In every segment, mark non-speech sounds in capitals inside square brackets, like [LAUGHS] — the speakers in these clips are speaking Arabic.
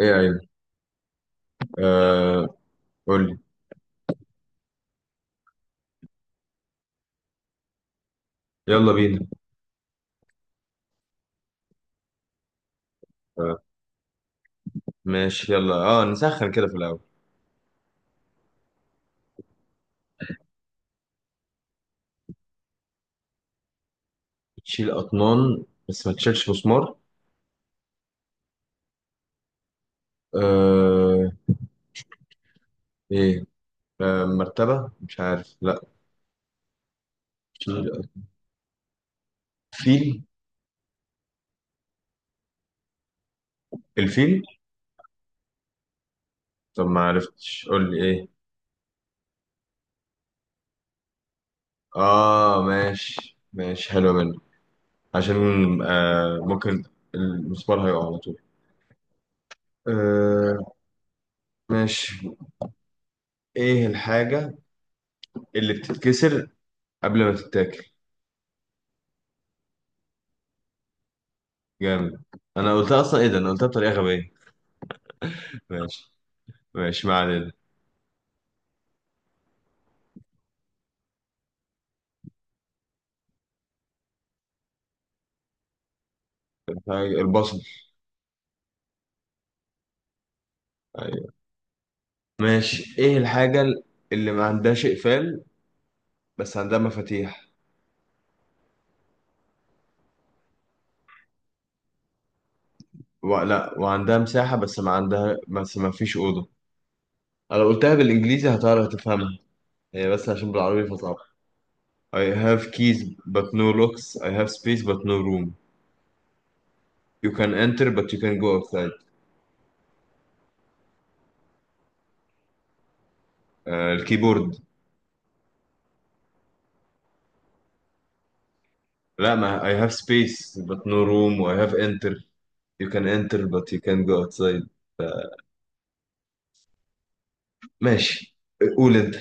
ايه يا عيني. آه، قول لي. يلا بينا. آه ماشي، يلا نسخن كده في الاول. تشيل اطنان بس ما تشيلش مسمار؟ آه، ايه؟ آه، مرتبة، مش عارف، لا. تشيل أط- فيل. الفيل. طب ما عرفتش، قول لي ايه. اه، ماشي، ماشي، حلو منك. عشان ممكن المسمار هيقع على طول. آه، ماشي. ايه الحاجة اللي بتتكسر قبل ما تتاكل؟ جامد. انا قلتها اصلا، ايه ده، انا قلتها بطريقة غبية. ماشي، ماشي، ما علينا. البصل. ايوه. ماشي، ايه الحاجة اللي ما عندهاش اقفال بس عندها مفاتيح لا، وعندها مساحة، بس ما فيش أوضة. انا قلتها بالانجليزي، هتعرف تفهمها. هي بس عشان بالعربي فصعب. I have keys but no locks, I have space but no room, you can enter but you can go outside. آه، الكيبورد. لا، ما I have space but no room و I have enter, you can enter but you can go outside. ماشي، قول انت.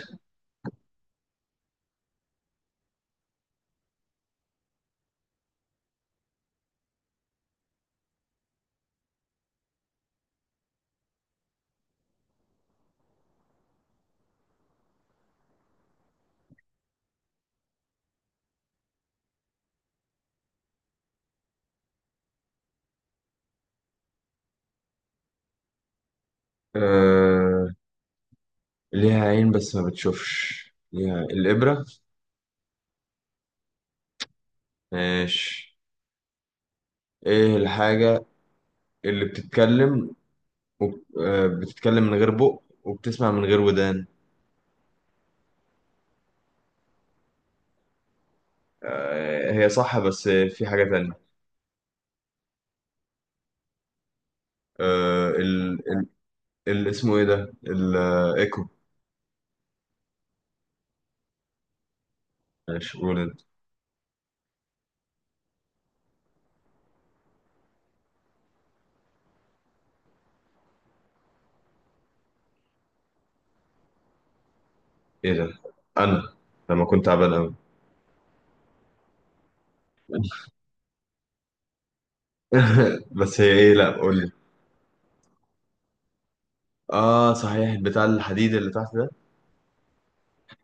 آه، ليها عين بس ما بتشوفش، ليها الإبرة. ماشي، ايه الحاجة اللي بتتكلم وب... آه، بتتكلم من غير بق وبتسمع من غير ودان؟ آه، هي صح بس في حاجة تانية. آه، ال... ال... اسمه ايه ده، الايكو. ماشي، قول انت. ايه ده، انا لما كنت تعبان قوي. [LAUGHS] بس هي ايه؟ لا، قول لي. اه صحيح، بتاع الحديد اللي تحت ده.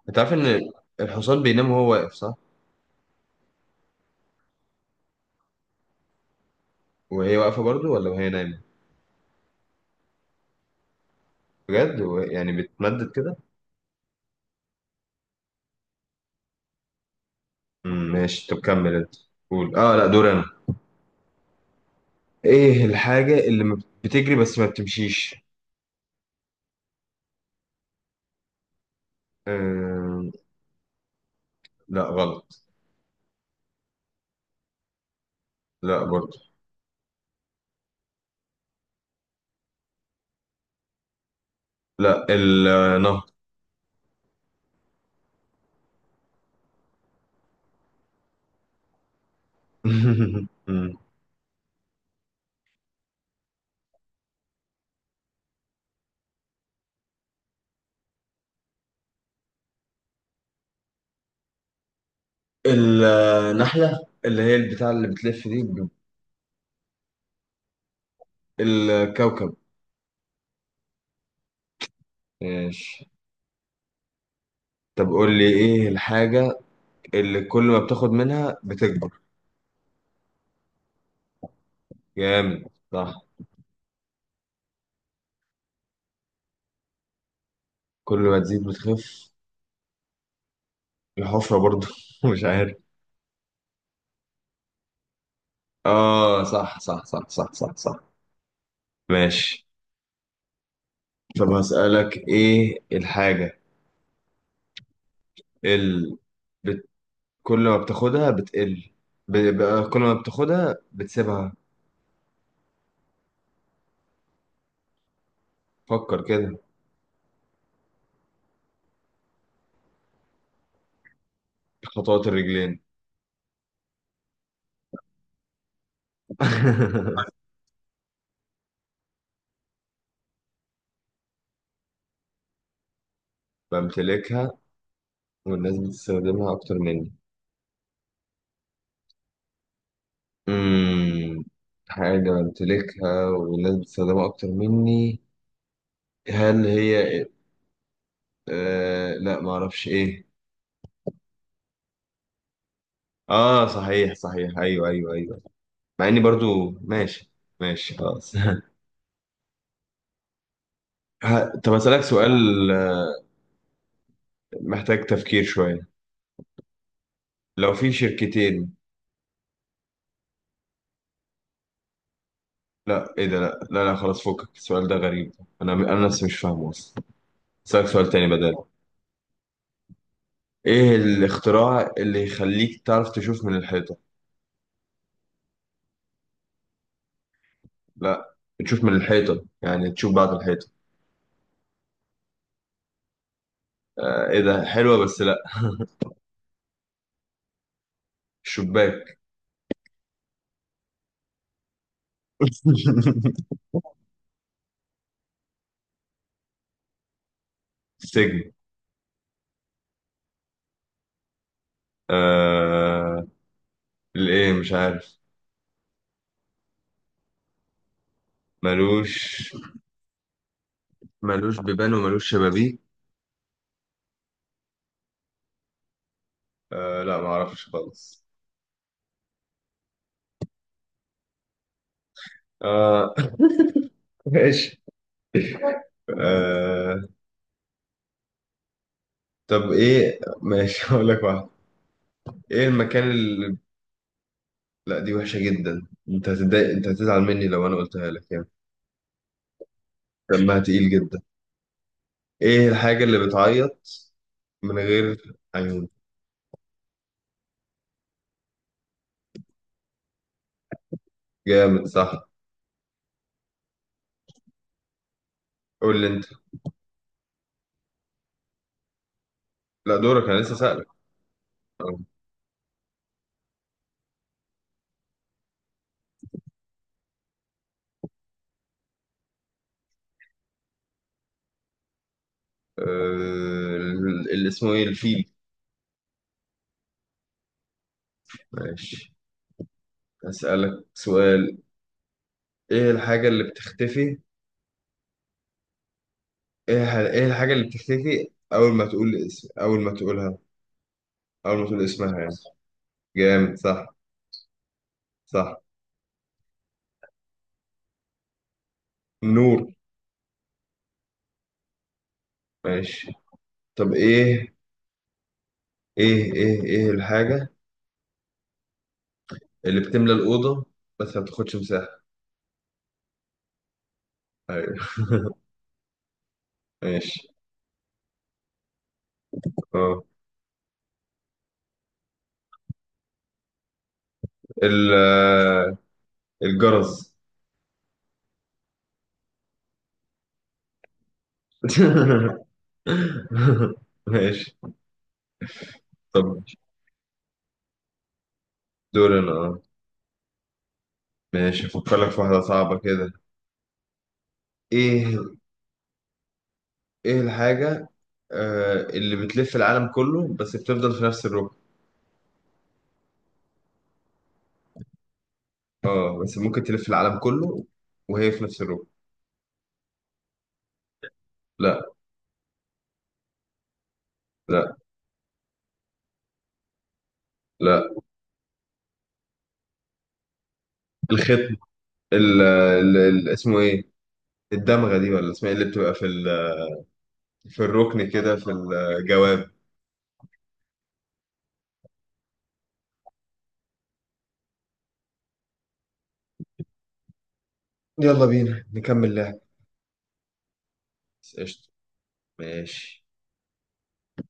انت عارف ان الحصان بينام وهو واقف، صح؟ وهي واقفة برضو ولا وهي نايمة؟ بجد هو يعني بتمدد كده؟ ماشي، طب كمل انت. قول، لا، دور انا. ايه الحاجة اللي ما بتجري بس ما بتمشيش؟ آه... لا، غلط. لا، برضه. لا، النهر. [LAUGHS] مم. النحلة اللي هي البتاع اللي بتلف دي الكوكب. ماشي، طب قول لي ايه الحاجة اللي كل ما بتاخد منها بتكبر؟ جامد، صح. كل ما تزيد بتخف. الحفرة برضه، [LAUGHS] مش عارف. اه، صح، صح، صح، صح، صح، صح. ماشي، طب هسألك ايه الحاجة اللي بت... كل ما بتاخدها بتقل، كل ما بتاخدها بتسيبها. فكر كده. خطوات الرجلين. [LAUGHS] بمتلكها والناس بتستخدمها أكتر مني. امم حاجة بمتلكها والناس بتستخدمها أكتر مني، هل هي لا، معرفش ايه. اه، صحيح، صحيح، ايوه، ايوه، ايوه. مع اني برضو ماشي. ماشي، خلاص. [LAUGHS] طب اسالك سؤال. آه، محتاج تفكير شويه. لو في شركتين... لا، ايه ده، لا، لا، لا، خلاص، فكك السؤال ده غريب، انا نفسي مش فاهمه اصلا. اسالك سؤال تاني بدل. ايه الاختراع اللي يخليك تعرف تشوف من الحيطه؟ لا، تشوف من الحيطه يعني تشوف بعد الحيطه. آه، ايه ده، حلوه بس لا. [LAUGHS] الشباك. [LAUGHS] السجن. آه الايه، مش عارف. ملوش ملوش بيبان وملوش شبابيك. لا، ما اعرفش خالص. آه، [LAUGHS] ماشي. آه طب ايه، ماشي، [LAUGHS] هقول لك واحد. ايه المكان اللي... لا، دي وحشة جدا، انت هتتضايق، انت هتزعل مني لو انا قلتها لك يعني، دمها تقيل جدا. ايه الحاجة اللي بتعيط من غير عيون؟ جامد، صح. قول لي انت. لا، دورك انا لسه سألك. آه اللي اسمه ايه، الفيل. ماشي، هسألك سؤال. ايه الحاجة اللي بتختفي، ايه الحاجة اللي بتختفي أول ما تقولها، أول ما تقول اسمها يعني؟ جامد، صح. صح. النور. ماشي، طب ايه، ايه الحاجة اللي بتملى الأوضة بس ما بتاخدش مساحة؟ أيوة. [LAUGHS] ماشي. اه، ال- آه، الجرس. [LAUGHS] ماشي. طب دور انا. اه ماشي افكر لك في واحدة صعبة كده. ايه ايه الحاجة اللي بتلف العالم كله بس بتفضل في نفس الركن. اه بس ممكن تلف العالم كله وهي في نفس الروب. لا، لا، لا. الختم. اسمه ايه، الدمغة دي، ولا اسمها ايه اللي بتبقى في في الركن كده، في الجواب. يلا بينا نكمل لعب. بس قشطة، ماشي.